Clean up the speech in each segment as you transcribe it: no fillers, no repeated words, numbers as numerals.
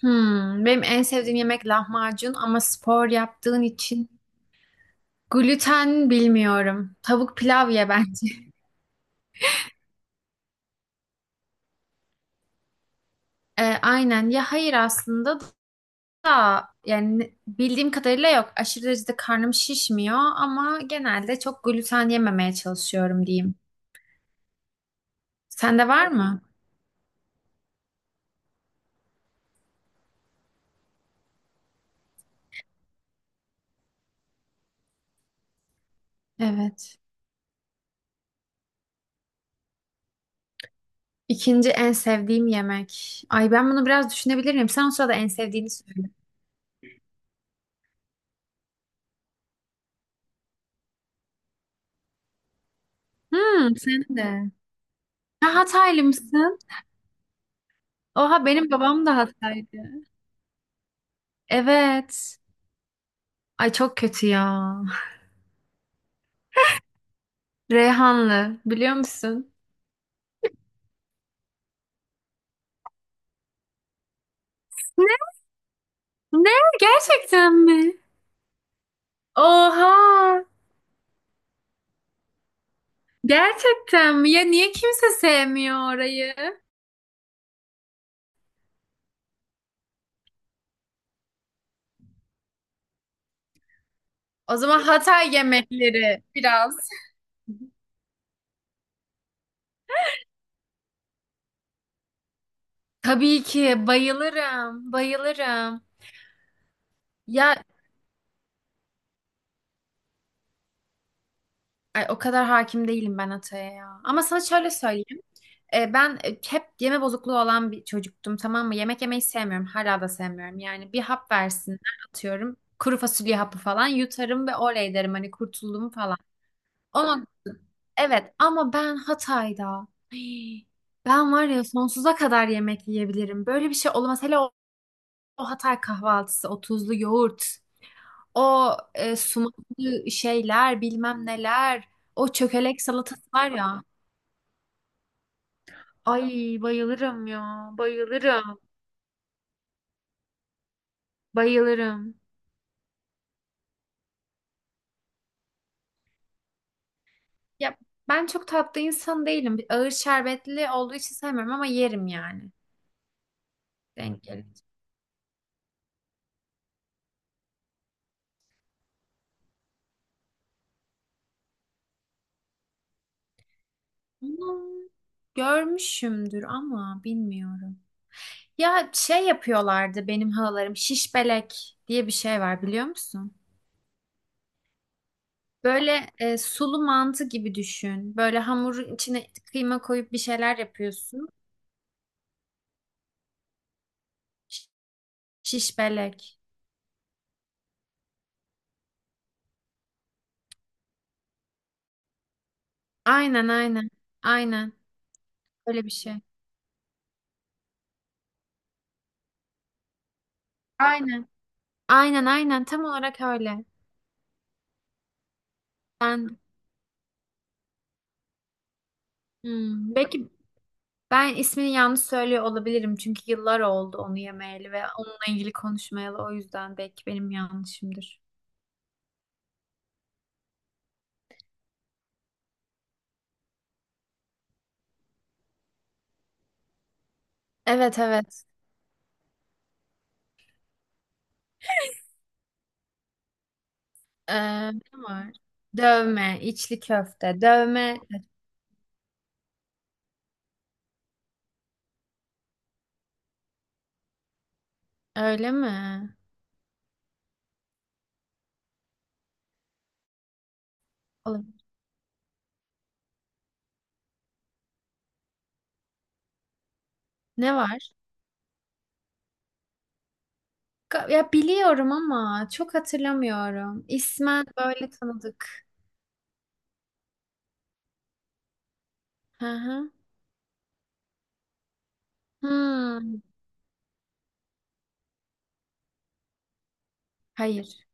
Hmm, benim en sevdiğim yemek lahmacun ama spor yaptığın için gluten bilmiyorum. Tavuk pilav ye bence. Aynen ya hayır aslında da yani bildiğim kadarıyla yok. Aşırı derecede karnım şişmiyor ama genelde çok gluten yememeye çalışıyorum diyeyim. Sende var mı? Evet. İkinci en sevdiğim yemek. Ay ben bunu biraz düşünebilirim. Sen o sırada en sevdiğini söyle. Hmm, sen de. Ha, Hataylı mısın? Oha benim babam da Hataylı. Evet. Ay çok kötü ya. Reyhanlı biliyor musun? Ne? Ne? Gerçekten mi? Oha! Gerçekten mi? Ya niye kimse sevmiyor orayı? O zaman Hatay yemekleri biraz. Tabii ki bayılırım, bayılırım. Ya ay, o kadar hakim değilim ben Hatay'a ya. Ama sana şöyle söyleyeyim. Ben hep yeme bozukluğu olan bir çocuktum, tamam mı? Yemek yemeyi sevmiyorum. Hala da sevmiyorum. Yani bir hap versinler atıyorum. Kuru fasulye hapı falan yutarım ve oley derim hani kurtuldum falan. Ama evet, ama ben Hatay'da Hii, ben var ya sonsuza kadar yemek yiyebilirim. Böyle bir şey olamaz. Hele o, o Hatay kahvaltısı, o tuzlu yoğurt, o sumaklı şeyler bilmem neler, o çökelek salatası var ya. Ay bayılırım ya bayılırım. Bayılırım. Ya ben çok tatlı insan değilim. Ağır şerbetli olduğu için sevmiyorum ama yerim yani. Denk gelir. Bunu görmüşümdür ama bilmiyorum. Ya şey yapıyorlardı benim halalarım. Şiş belek diye bir şey var biliyor musun? Böyle sulu mantı gibi düşün. Böyle hamurun içine kıyma koyup bir şeyler yapıyorsun. Ş- Şiş belek. Aynen aynen. Aynen. Öyle bir şey. Aynen. Aynen aynen. Tam olarak öyle. Ben hmm, belki ben ismini yanlış söylüyor olabilirim çünkü yıllar oldu onu yemeyeli ve onunla ilgili konuşmayalı, o yüzden belki benim yanlışımdır. Evet evet. Ne var? Dövme, içli köfte, dövme. Öyle mi? Olabilir. Ne var? Ya biliyorum ama çok hatırlamıyorum. İsmen böyle tanıdık. Hı hı. Hmm. Hayır.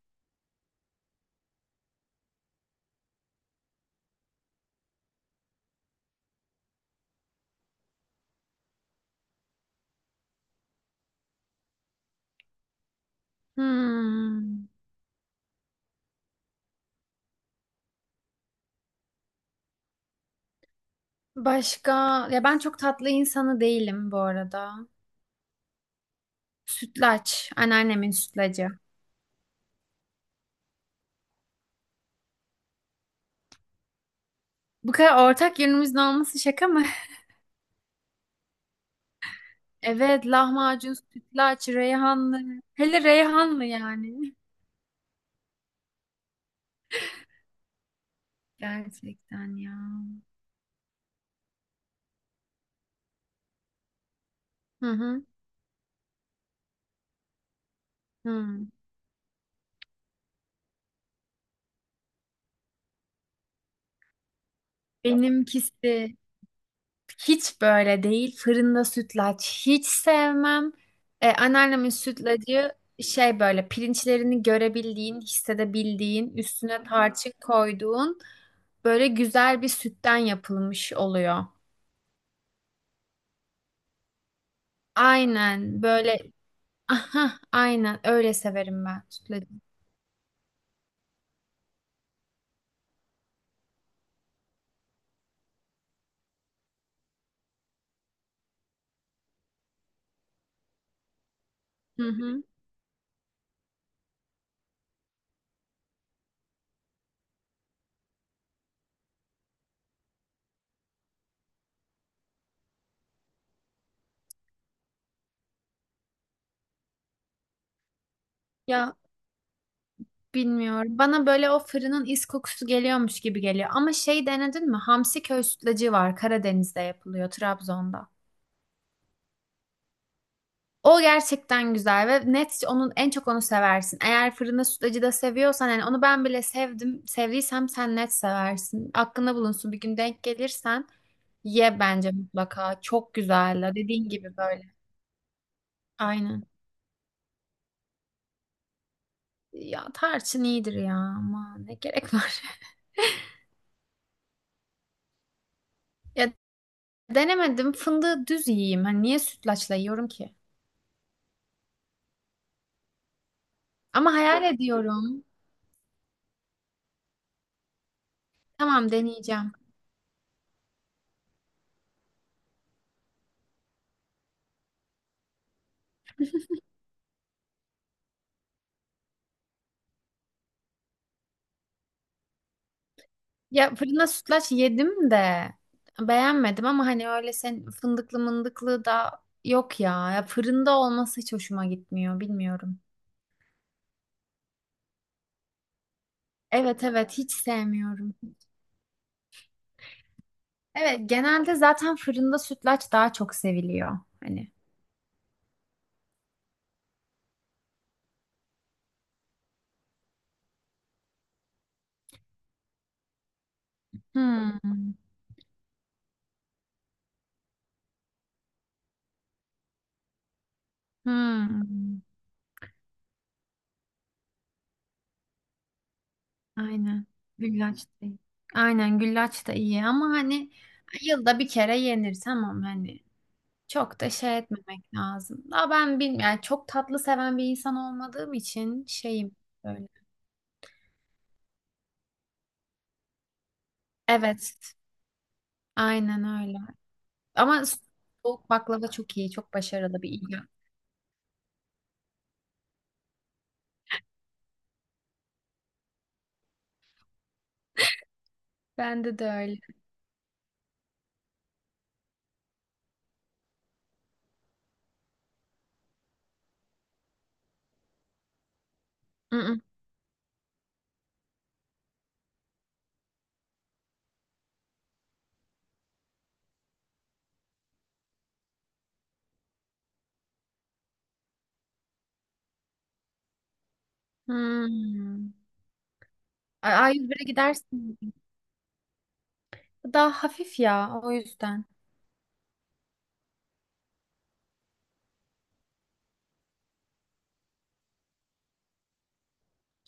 Hmm. Başka? Ya ben çok tatlı insanı değilim bu arada. Sütlaç. Anneannemin sütlacı. Bu kadar ortak yönümüzün olması şaka mı? Evet, lahmacun, sütlaç, reyhanlı. Hele reyhanlı yani. Gerçekten ya. Hı hı. Hı. Benimkisi hiç böyle değil. Fırında sütlaç hiç sevmem. Anneannemin sütlacı şey böyle pirinçlerini görebildiğin, hissedebildiğin, üstüne tarçın koyduğun böyle güzel bir sütten yapılmış oluyor. Aynen böyle aha, aynen öyle severim ben sütlacı. Hı hı. Ya bilmiyorum. Bana böyle o fırının is kokusu geliyormuş gibi geliyor. Ama şey denedin mi? Hamsi köy sütlacı var. Karadeniz'de yapılıyor, Trabzon'da. O gerçekten güzel ve net onun en çok onu seversin. Eğer fırında sütlacı da seviyorsan, yani onu ben bile sevdim. Sevdiysem sen net seversin. Aklında bulunsun, bir gün denk gelirsen ye bence mutlaka. Çok güzel. Dediğin gibi böyle. Aynen. Ya tarçın iyidir ya ama ne gerek var. Ya denemedim. Fındığı düz yiyeyim. Hani niye sütlaçla yiyorum ki? Ama hayal ediyorum. Tamam, deneyeceğim. Ya fırında sütlaç yedim de beğenmedim ama hani öyle sen fındıklı mındıklı da yok ya. Ya fırında olması hiç hoşuma gitmiyor. Bilmiyorum. Evet evet, hiç sevmiyorum. Evet, genelde zaten fırında sütlaç daha çok seviliyor. Hani. Hmm. Hmm. Aynen. Güllaç da iyi. Aynen güllaç da iyi ama hani yılda bir kere yenir, tamam hani. Çok da şey etmemek lazım. Daha ben bilmiyorum. Yani çok tatlı seven bir insan olmadığım için şeyim böyle. Evet. Aynen öyle. Ama soğuk baklava çok iyi. Çok başarılı bir icat. Bende de öyle. Mm, mm. Hmm. Ay, A101'e gidersin. Daha hafif ya o yüzden.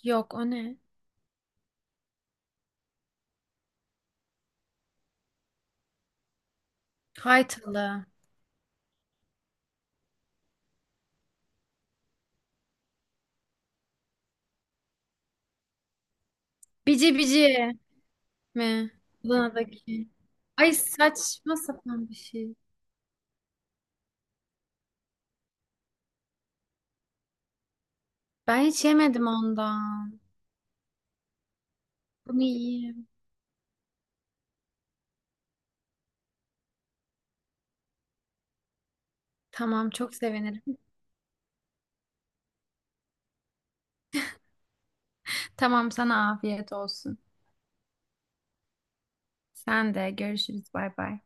Yok o ne? Haytalı. Bici bici. Mi? Adana'daki. Ay saçma sapan bir şey. Ben hiç yemedim ondan. Bunu yiyeyim. Tamam çok sevinirim. Tamam sana afiyet olsun. Sen de görüşürüz bay bay.